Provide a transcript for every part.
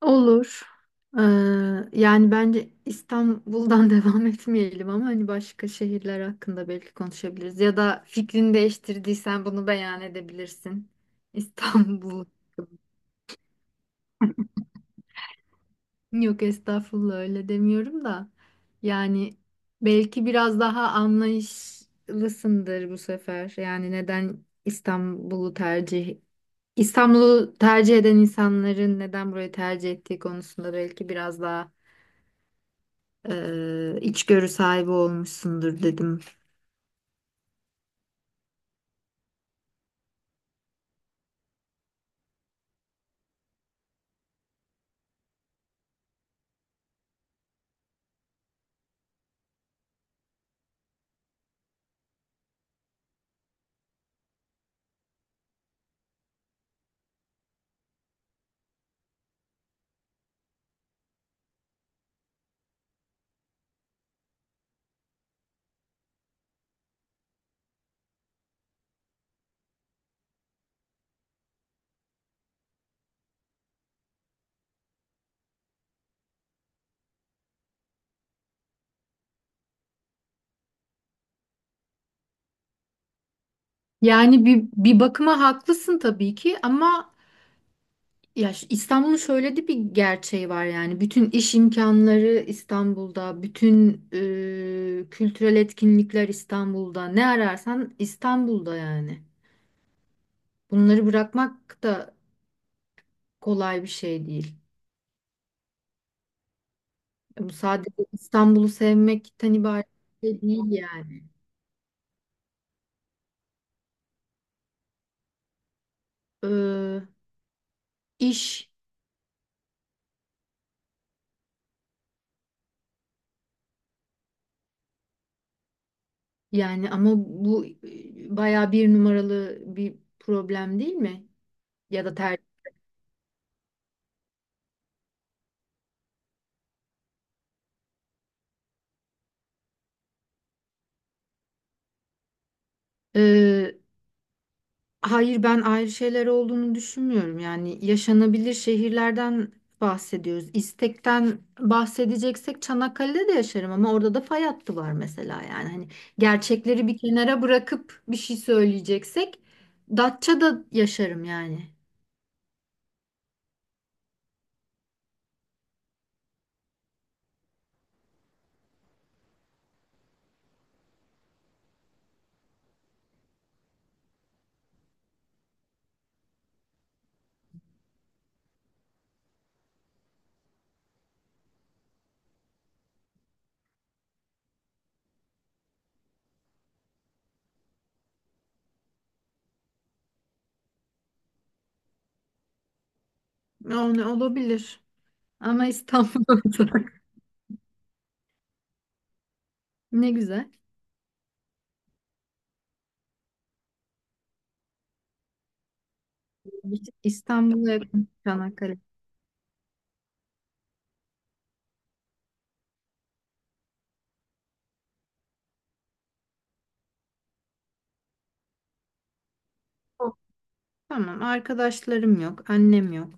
Olur. Ee, Yani bence İstanbul'dan devam etmeyelim ama hani başka şehirler hakkında belki konuşabiliriz. Ya da fikrini değiştirdiysen bunu beyan edebilirsin. İstanbul. Yok estağfurullah öyle demiyorum da. Yani belki biraz daha anlayışlısındır bu sefer. Yani neden İstanbul'u tercih eden insanların neden burayı tercih ettiği konusunda belki biraz daha içgörü sahibi olmuşsundur dedim. Yani bir bakıma haklısın tabii ki ama ya İstanbul'un şöyle de bir gerçeği var, yani bütün iş imkanları İstanbul'da, bütün kültürel etkinlikler İstanbul'da. Ne ararsan İstanbul'da yani. Bunları bırakmak da kolay bir şey değil. Bu sadece İstanbul'u sevmekten ibaret de değil yani. Ee, iş Yani ama bu bayağı bir numaralı bir problem değil mi? Ya da tercih. Ee, hayır, ben ayrı şeyler olduğunu düşünmüyorum. Yani yaşanabilir şehirlerden bahsediyoruz. İstekten bahsedeceksek Çanakkale'de de yaşarım ama orada da fay hattı var mesela yani. Hani gerçekleri bir kenara bırakıp bir şey söyleyeceksek Datça'da yaşarım yani. Yani olabilir. Ama İstanbul'da. Ne güzel. İstanbul'a yakın Çanakkale. Yok. Tamam, arkadaşlarım yok, annem yok.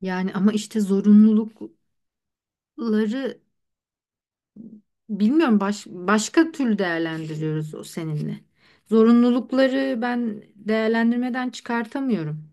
Yani ama işte zorunlulukları bilmiyorum, başka türlü değerlendiriyoruz o seninle. Zorunlulukları ben değerlendirmeden çıkartamıyorum.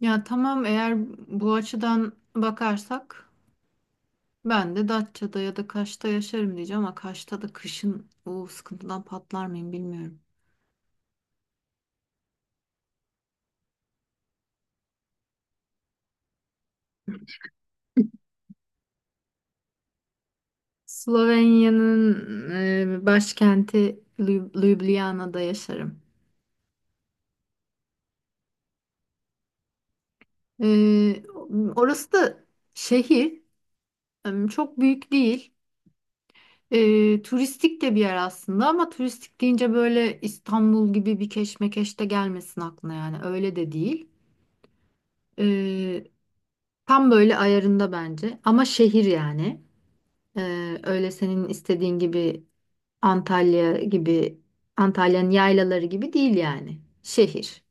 Ya tamam, eğer bu açıdan bakarsak ben de Datça'da ya da Kaş'ta yaşarım diyeceğim ama Kaş'ta da kışın o sıkıntıdan patlar mıyım bilmiyorum. Slovenya'nın başkenti Ljubljana'da yaşarım. Ee, Orası da şehir. Çok büyük değil. Turistik de bir yer aslında ama turistik deyince böyle İstanbul gibi bir keşmekeş de gelmesin aklına yani. Öyle de değil. Ee, Tam böyle ayarında bence. Ama şehir yani. Öyle senin istediğin gibi, Antalya gibi Antalya'nın yaylaları gibi değil yani. Şehir.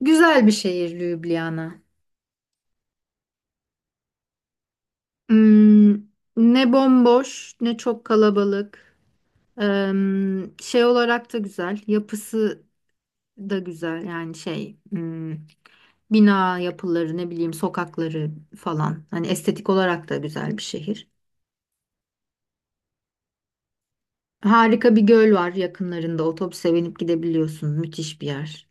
Güzel bir şehir Lübnana. Hmm, ne bomboş ne çok kalabalık. Şey olarak da güzel, yapısı da güzel, yani şey, hmm, bina yapıları, ne bileyim, sokakları falan, hani estetik olarak da güzel bir şehir. Harika bir göl var yakınlarında, otobüse binip gidebiliyorsun, müthiş bir yer.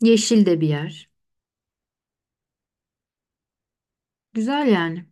Yeşil de bir yer. Güzel yani.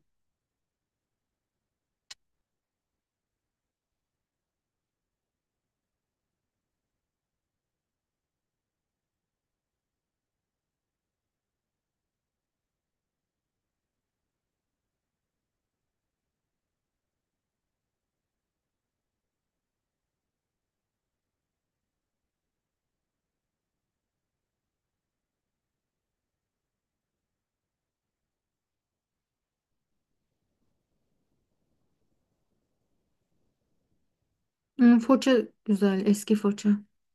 Hmm, Foça güzel, eski Foça,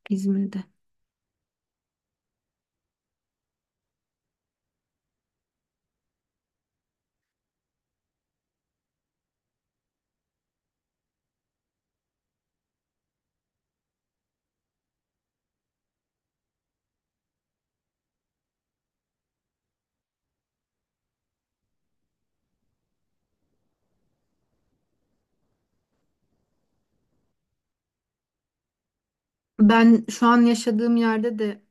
İzmir'de. Ben şu an yaşadığım yerde de,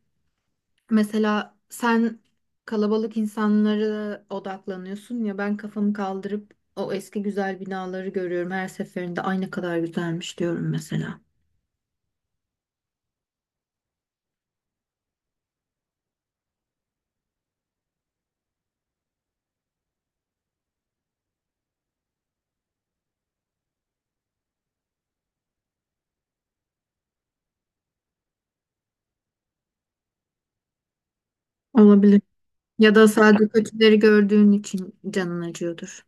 mesela sen kalabalık insanlara odaklanıyorsun ya, ben kafamı kaldırıp o eski güzel binaları görüyorum her seferinde, ay ne kadar güzelmiş diyorum mesela. Olabilir. Ya da sadece kötüleri gördüğün için canın acıyordur.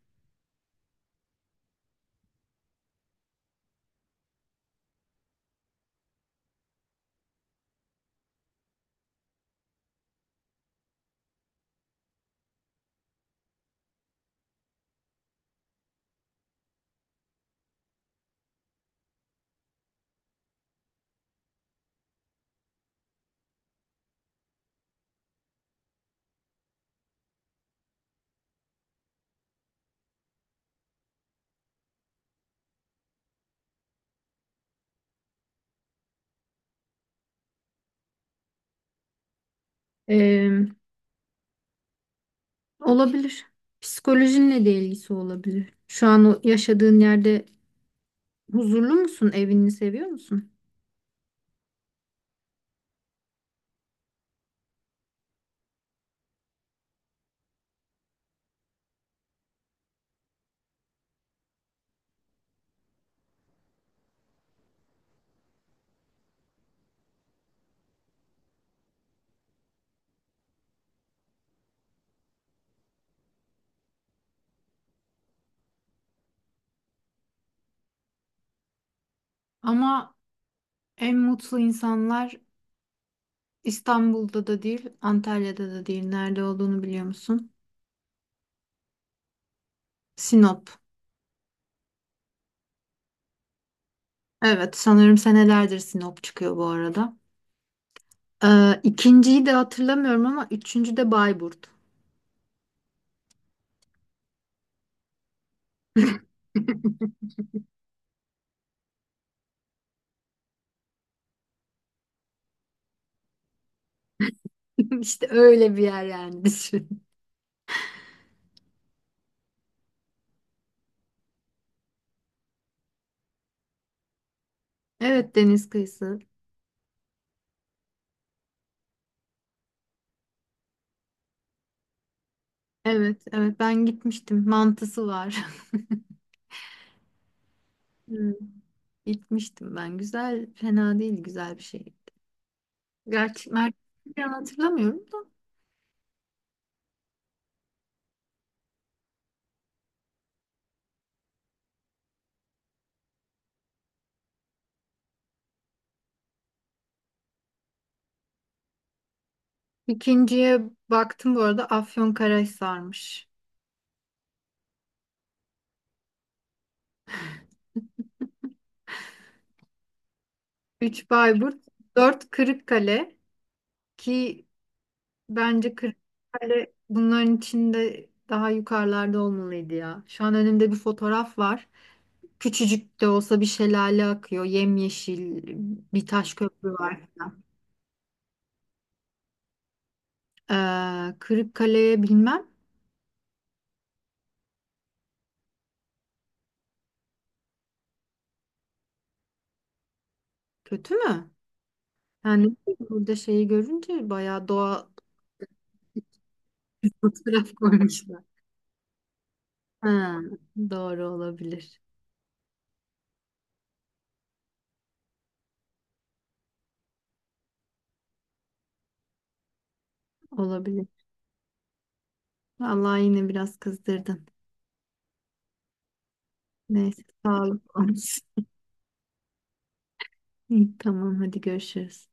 Ee, Olabilir. Psikolojinle de ilgisi olabilir. Şu an o yaşadığın yerde huzurlu musun? Evini seviyor musun? Ama en mutlu insanlar İstanbul'da da değil, Antalya'da da değil. Nerede olduğunu biliyor musun? Sinop. Evet, sanırım senelerdir Sinop çıkıyor bu arada. İkinciyi de hatırlamıyorum ama üçüncü de Bayburt. İşte öyle bir yer yani, düşün. Evet, deniz kıyısı. Evet, evet, ben gitmiştim. Mantısı var. Hmm. Gitmiştim ben. Güzel, fena değil, güzel bir şey. Gerçi merkezi hatırlamıyorum da. İkinciye baktım bu arada, Afyonkarahisar'mış. 3 Bayburt, 4 Kırıkkale, ki bence Kırıkkale bunların içinde daha yukarılarda olmalıydı ya. Şu an önümde bir fotoğraf var. Küçücük de olsa bir şelale akıyor. Yemyeşil bir taş köprü var falan. Kırıkkale'ye bilmem. Kötü mü? Yani burada şeyi görünce bayağı doğa fotoğraf koymuşlar. Ha, doğru olabilir. Olabilir. Vallahi yine biraz kızdırdın. Neyse, sağ ol. İyi, tamam, hadi görüşürüz.